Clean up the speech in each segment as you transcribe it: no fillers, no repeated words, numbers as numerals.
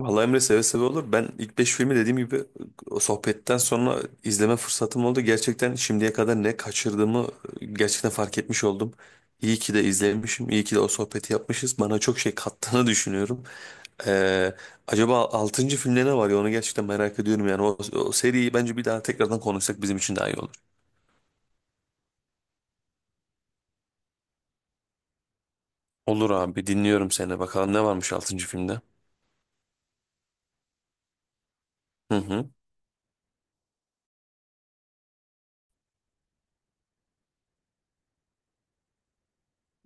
Vallahi Emre seve seve olur. Ben ilk 5 filmi dediğim gibi o sohbetten sonra izleme fırsatım oldu. Gerçekten şimdiye kadar ne kaçırdığımı gerçekten fark etmiş oldum. İyi ki de izlemişim. İyi ki de o sohbeti yapmışız. Bana çok şey kattığını düşünüyorum. Ee, acaba altıncı filmde ne var ya onu gerçekten merak ediyorum. Yani o seriyi bence bir daha tekrardan konuşsak bizim için daha iyi olur. Olur abi, dinliyorum seni. Bakalım ne varmış altıncı filmde. Hı hı.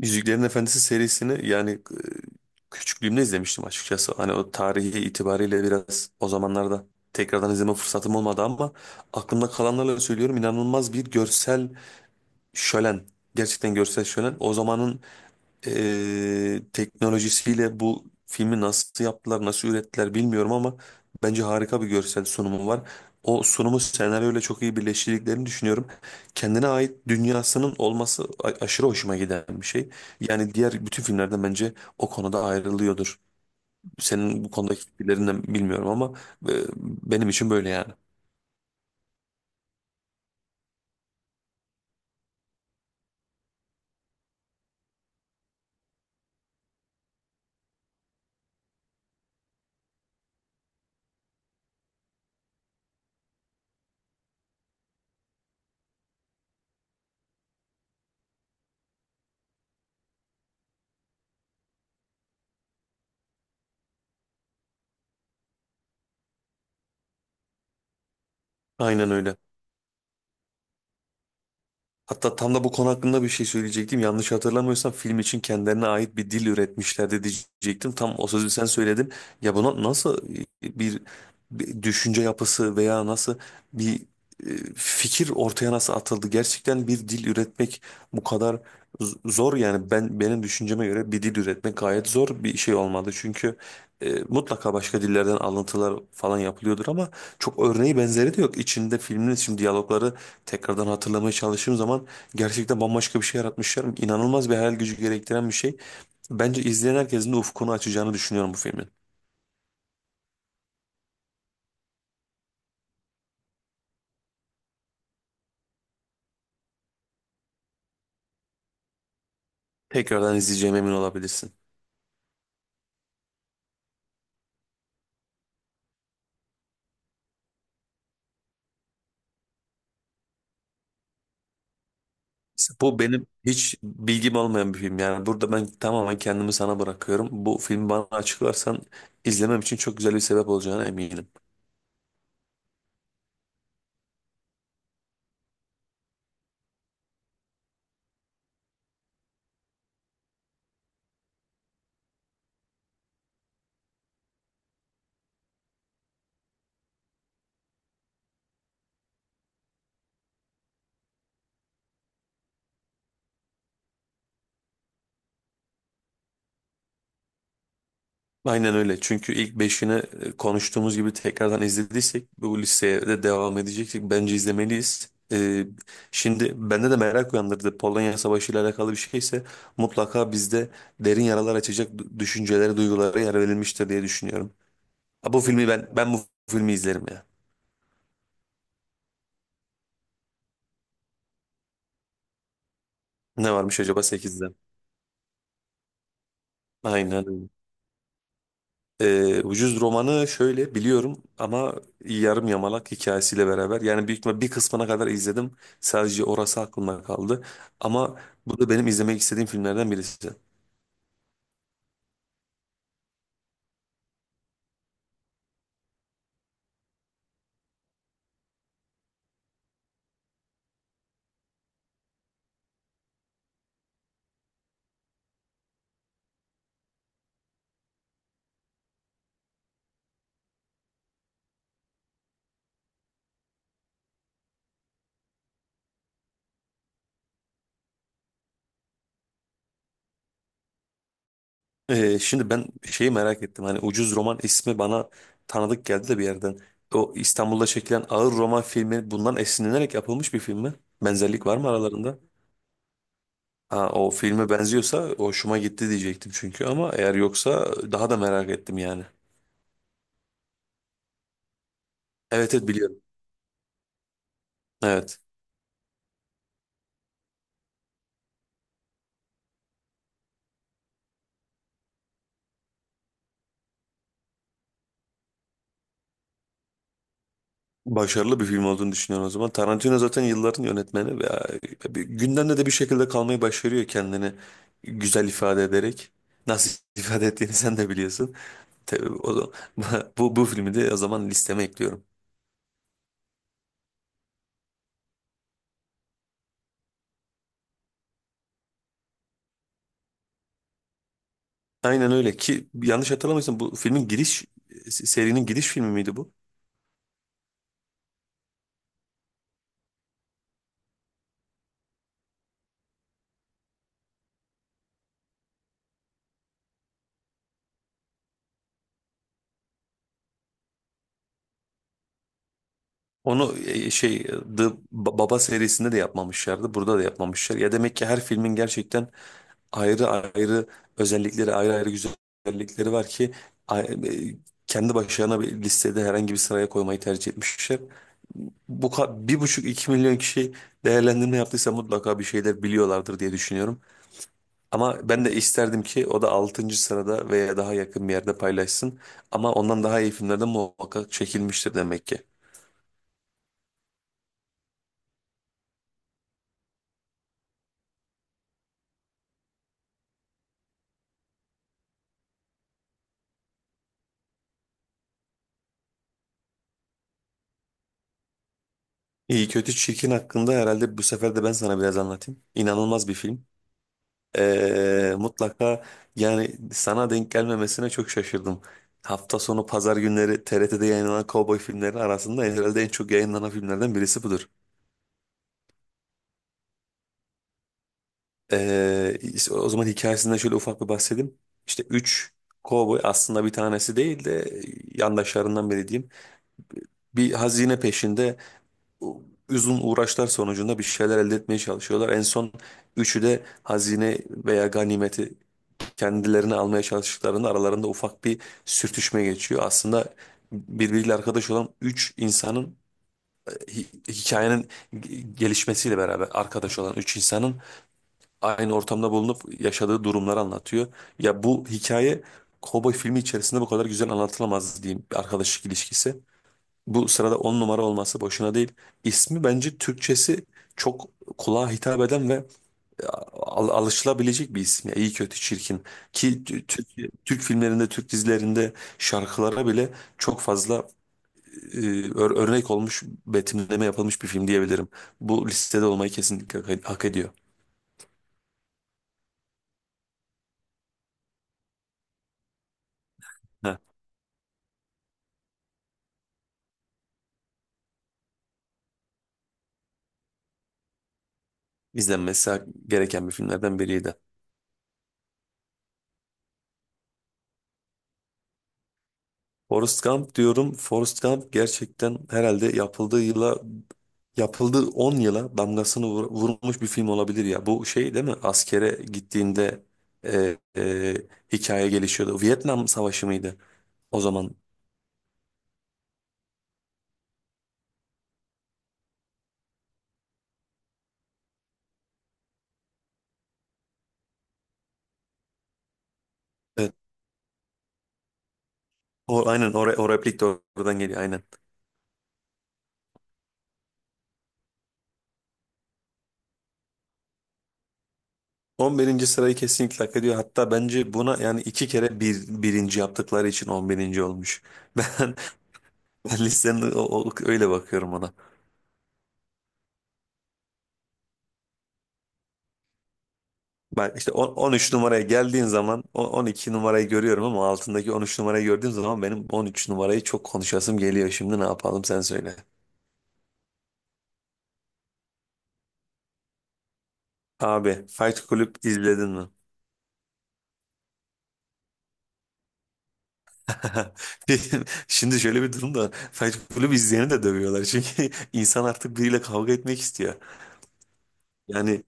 Yüzüklerin Efendisi serisini yani küçüklüğümde izlemiştim açıkçası. Hani o tarihi itibariyle biraz o zamanlarda tekrardan izleme fırsatım olmadı ama aklımda kalanlarla söylüyorum, inanılmaz bir görsel şölen. Gerçekten görsel şölen. O zamanın teknolojisiyle bu filmi nasıl yaptılar, nasıl ürettiler bilmiyorum ama bence harika bir görsel sunumu var. O sunumu senaryoyla çok iyi birleştirdiklerini düşünüyorum. Kendine ait dünyasının olması aşırı hoşuma giden bir şey. Yani diğer bütün filmlerden bence o konuda ayrılıyordur. Senin bu konudaki fikirlerinden bilmiyorum ama e, benim için böyle yani. Aynen öyle. Hatta tam da bu konu hakkında bir şey söyleyecektim. Yanlış hatırlamıyorsam film için kendilerine ait bir dil üretmişlerdi diyecektim. Tam o sözü sen söyledin. Ya buna nasıl e, bir, bir düşünce yapısı veya nasıl bir fikir ortaya nasıl atıldı? Gerçekten bir dil üretmek bu kadar zor yani benim düşünceme göre bir dil üretmek gayet zor bir şey olmadı. Çünkü mutlaka başka dillerden alıntılar falan yapılıyordur ama çok örneği benzeri de yok. İçinde filmin için diyalogları tekrardan hatırlamaya çalıştığım zaman gerçekten bambaşka bir şey yaratmışlar. İnanılmaz bir hayal gücü gerektiren bir şey. Bence izleyen herkesin de ufkunu açacağını düşünüyorum bu filmin. Tekrardan izleyeceğime emin olabilirsin. Bu benim hiç bilgim olmayan bir film. Yani burada ben tamamen kendimi sana bırakıyorum. Bu filmi bana açıklarsan izlemem için çok güzel bir sebep olacağına eminim. Aynen öyle. Çünkü ilk beşini konuştuğumuz gibi tekrardan izlediysek bu listeye de devam edeceksek bence izlemeliyiz. Şimdi bende de merak uyandırdı. Polonya Savaşı ile alakalı bir şeyse mutlaka bizde derin yaralar açacak düşüncelere, duygulara yer verilmiştir diye düşünüyorum. Ha, bu filmi ben bu filmi izlerim ya. Ne varmış acaba sekizde? Aynen öyle. Ucuz romanı şöyle biliyorum ama yarım yamalak hikayesiyle beraber yani büyük ihtimal bir kısmına kadar izledim. Sadece orası aklımda kaldı. Ama bu da benim izlemek istediğim filmlerden birisi. Şimdi ben şeyi merak ettim. Hani Ucuz Roman ismi bana tanıdık geldi de bir yerden. O İstanbul'da çekilen ağır roman filmi bundan esinlenerek yapılmış bir film mi? Benzerlik var mı aralarında? Ha, o filme benziyorsa hoşuma gitti diyecektim çünkü, ama eğer yoksa daha da merak ettim yani. Evet, evet biliyorum. Evet. Başarılı bir film olduğunu düşünüyorum o zaman. Tarantino zaten yılların yönetmeni ve gündemde de bir şekilde kalmayı başarıyor kendini güzel ifade ederek. Nasıl ifade ettiğini sen de biliyorsun. Tabii o zaman, bu filmi de o zaman listeme ekliyorum. Aynen öyle ki yanlış hatırlamıyorsam bu filmin giriş serinin giriş filmi miydi bu? Onu The Baba serisinde de yapmamışlardı. Burada da yapmamışlar. Ya demek ki her filmin gerçekten ayrı ayrı özellikleri, ayrı ayrı güzellikleri var ki a- e, kendi başlarına bir listede herhangi bir sıraya koymayı tercih etmişler. 1,5-2 milyon kişi değerlendirme yaptıysa mutlaka bir şeyler biliyorlardır diye düşünüyorum. Ama ben de isterdim ki o da altıncı sırada veya daha yakın bir yerde paylaşsın. Ama ondan daha iyi filmler de muhakkak çekilmiştir demek ki. İyi kötü çirkin hakkında herhalde bu sefer de ben sana biraz anlatayım. İnanılmaz bir film. Mutlaka yani sana denk gelmemesine çok şaşırdım. Hafta sonu pazar günleri TRT'de yayınlanan kovboy filmleri arasında herhalde en çok yayınlanan filmlerden birisi budur. İşte o zaman hikayesinden şöyle ufak bir bahsedeyim. İşte 3 kovboy, aslında bir tanesi değil de yandaşlarından biri diyeyim. Bir hazine peşinde uzun uğraşlar sonucunda bir şeyler elde etmeye çalışıyorlar. En son üçü de hazine veya ganimeti kendilerine almaya çalıştıklarında aralarında ufak bir sürtüşme geçiyor. Aslında birbiriyle arkadaş olan üç insanın hikayenin gelişmesiyle beraber arkadaş olan üç insanın aynı ortamda bulunup yaşadığı durumları anlatıyor. Ya bu hikaye, kovboy filmi içerisinde bu kadar güzel anlatılamaz diyeyim, bir arkadaşlık ilişkisi. Bu sırada 10 numara olması boşuna değil. İsmi bence Türkçesi çok kulağa hitap eden ve e, alışılabilecek bir isim. Ya, iyi kötü çirkin. Ki Türk filmlerinde, Türk dizilerinde şarkılara bile çok fazla e, örnek olmuş, betimleme yapılmış bir film diyebilirim. Bu listede olmayı kesinlikle hak ediyor. Heh, izlenmesi gereken bir filmlerden biriydi. Forrest Gump diyorum. Forrest Gump gerçekten herhalde yapıldığı 10 yıla damgasını vurmuş bir film olabilir ya. Bu şey değil mi? Askere gittiğinde e, e, hikaye gelişiyordu. Vietnam Savaşı mıydı o zaman? Evet. O replik de oradan geliyor aynen. On birinci sırayı kesinlikle hak ediyor. Hatta bence buna yani iki kere birinci yaptıkları için 11. olmuş. Ben, ben listenin öyle bakıyorum ona. Bak işte 13 numaraya geldiğin zaman 12 numarayı görüyorum ama altındaki 13 numarayı gördüğüm zaman benim 13 numarayı çok konuşasım geliyor. Şimdi ne yapalım sen söyle. Abi Fight Club izledin mi? Şimdi şöyle bir durum da var. Fight Club izleyeni de dövüyorlar. Çünkü insan artık biriyle kavga etmek istiyor. Yani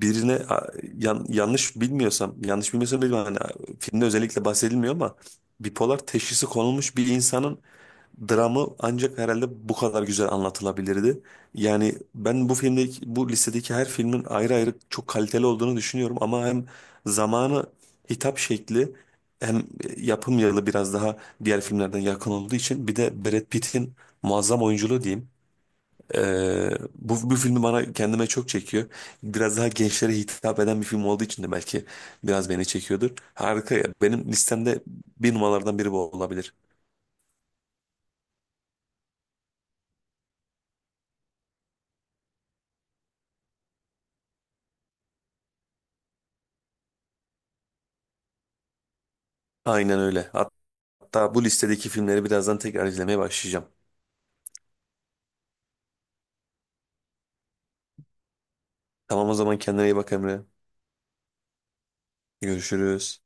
birine yanlış bilmiyorsam bilmem hani filmde özellikle bahsedilmiyor ama bipolar teşhisi konulmuş bir insanın dramı ancak herhalde bu kadar güzel anlatılabilirdi. Yani ben bu filmdeki, bu listedeki her filmin ayrı ayrı çok kaliteli olduğunu düşünüyorum ama hem zamanı, hitap şekli, hem yapım yılı biraz daha diğer filmlerden yakın olduğu için bir de Brad Pitt'in muazzam oyunculuğu diyeyim. Bu filmi bana kendime çok çekiyor. Biraz daha gençlere hitap eden bir film olduğu için de belki biraz beni çekiyordur. Harika ya. Benim listemde bir numaralardan biri bu olabilir. Aynen öyle. Hatta bu listedeki filmleri birazdan tekrar izlemeye başlayacağım. Tamam o zaman, kendine iyi bak Emre. Görüşürüz.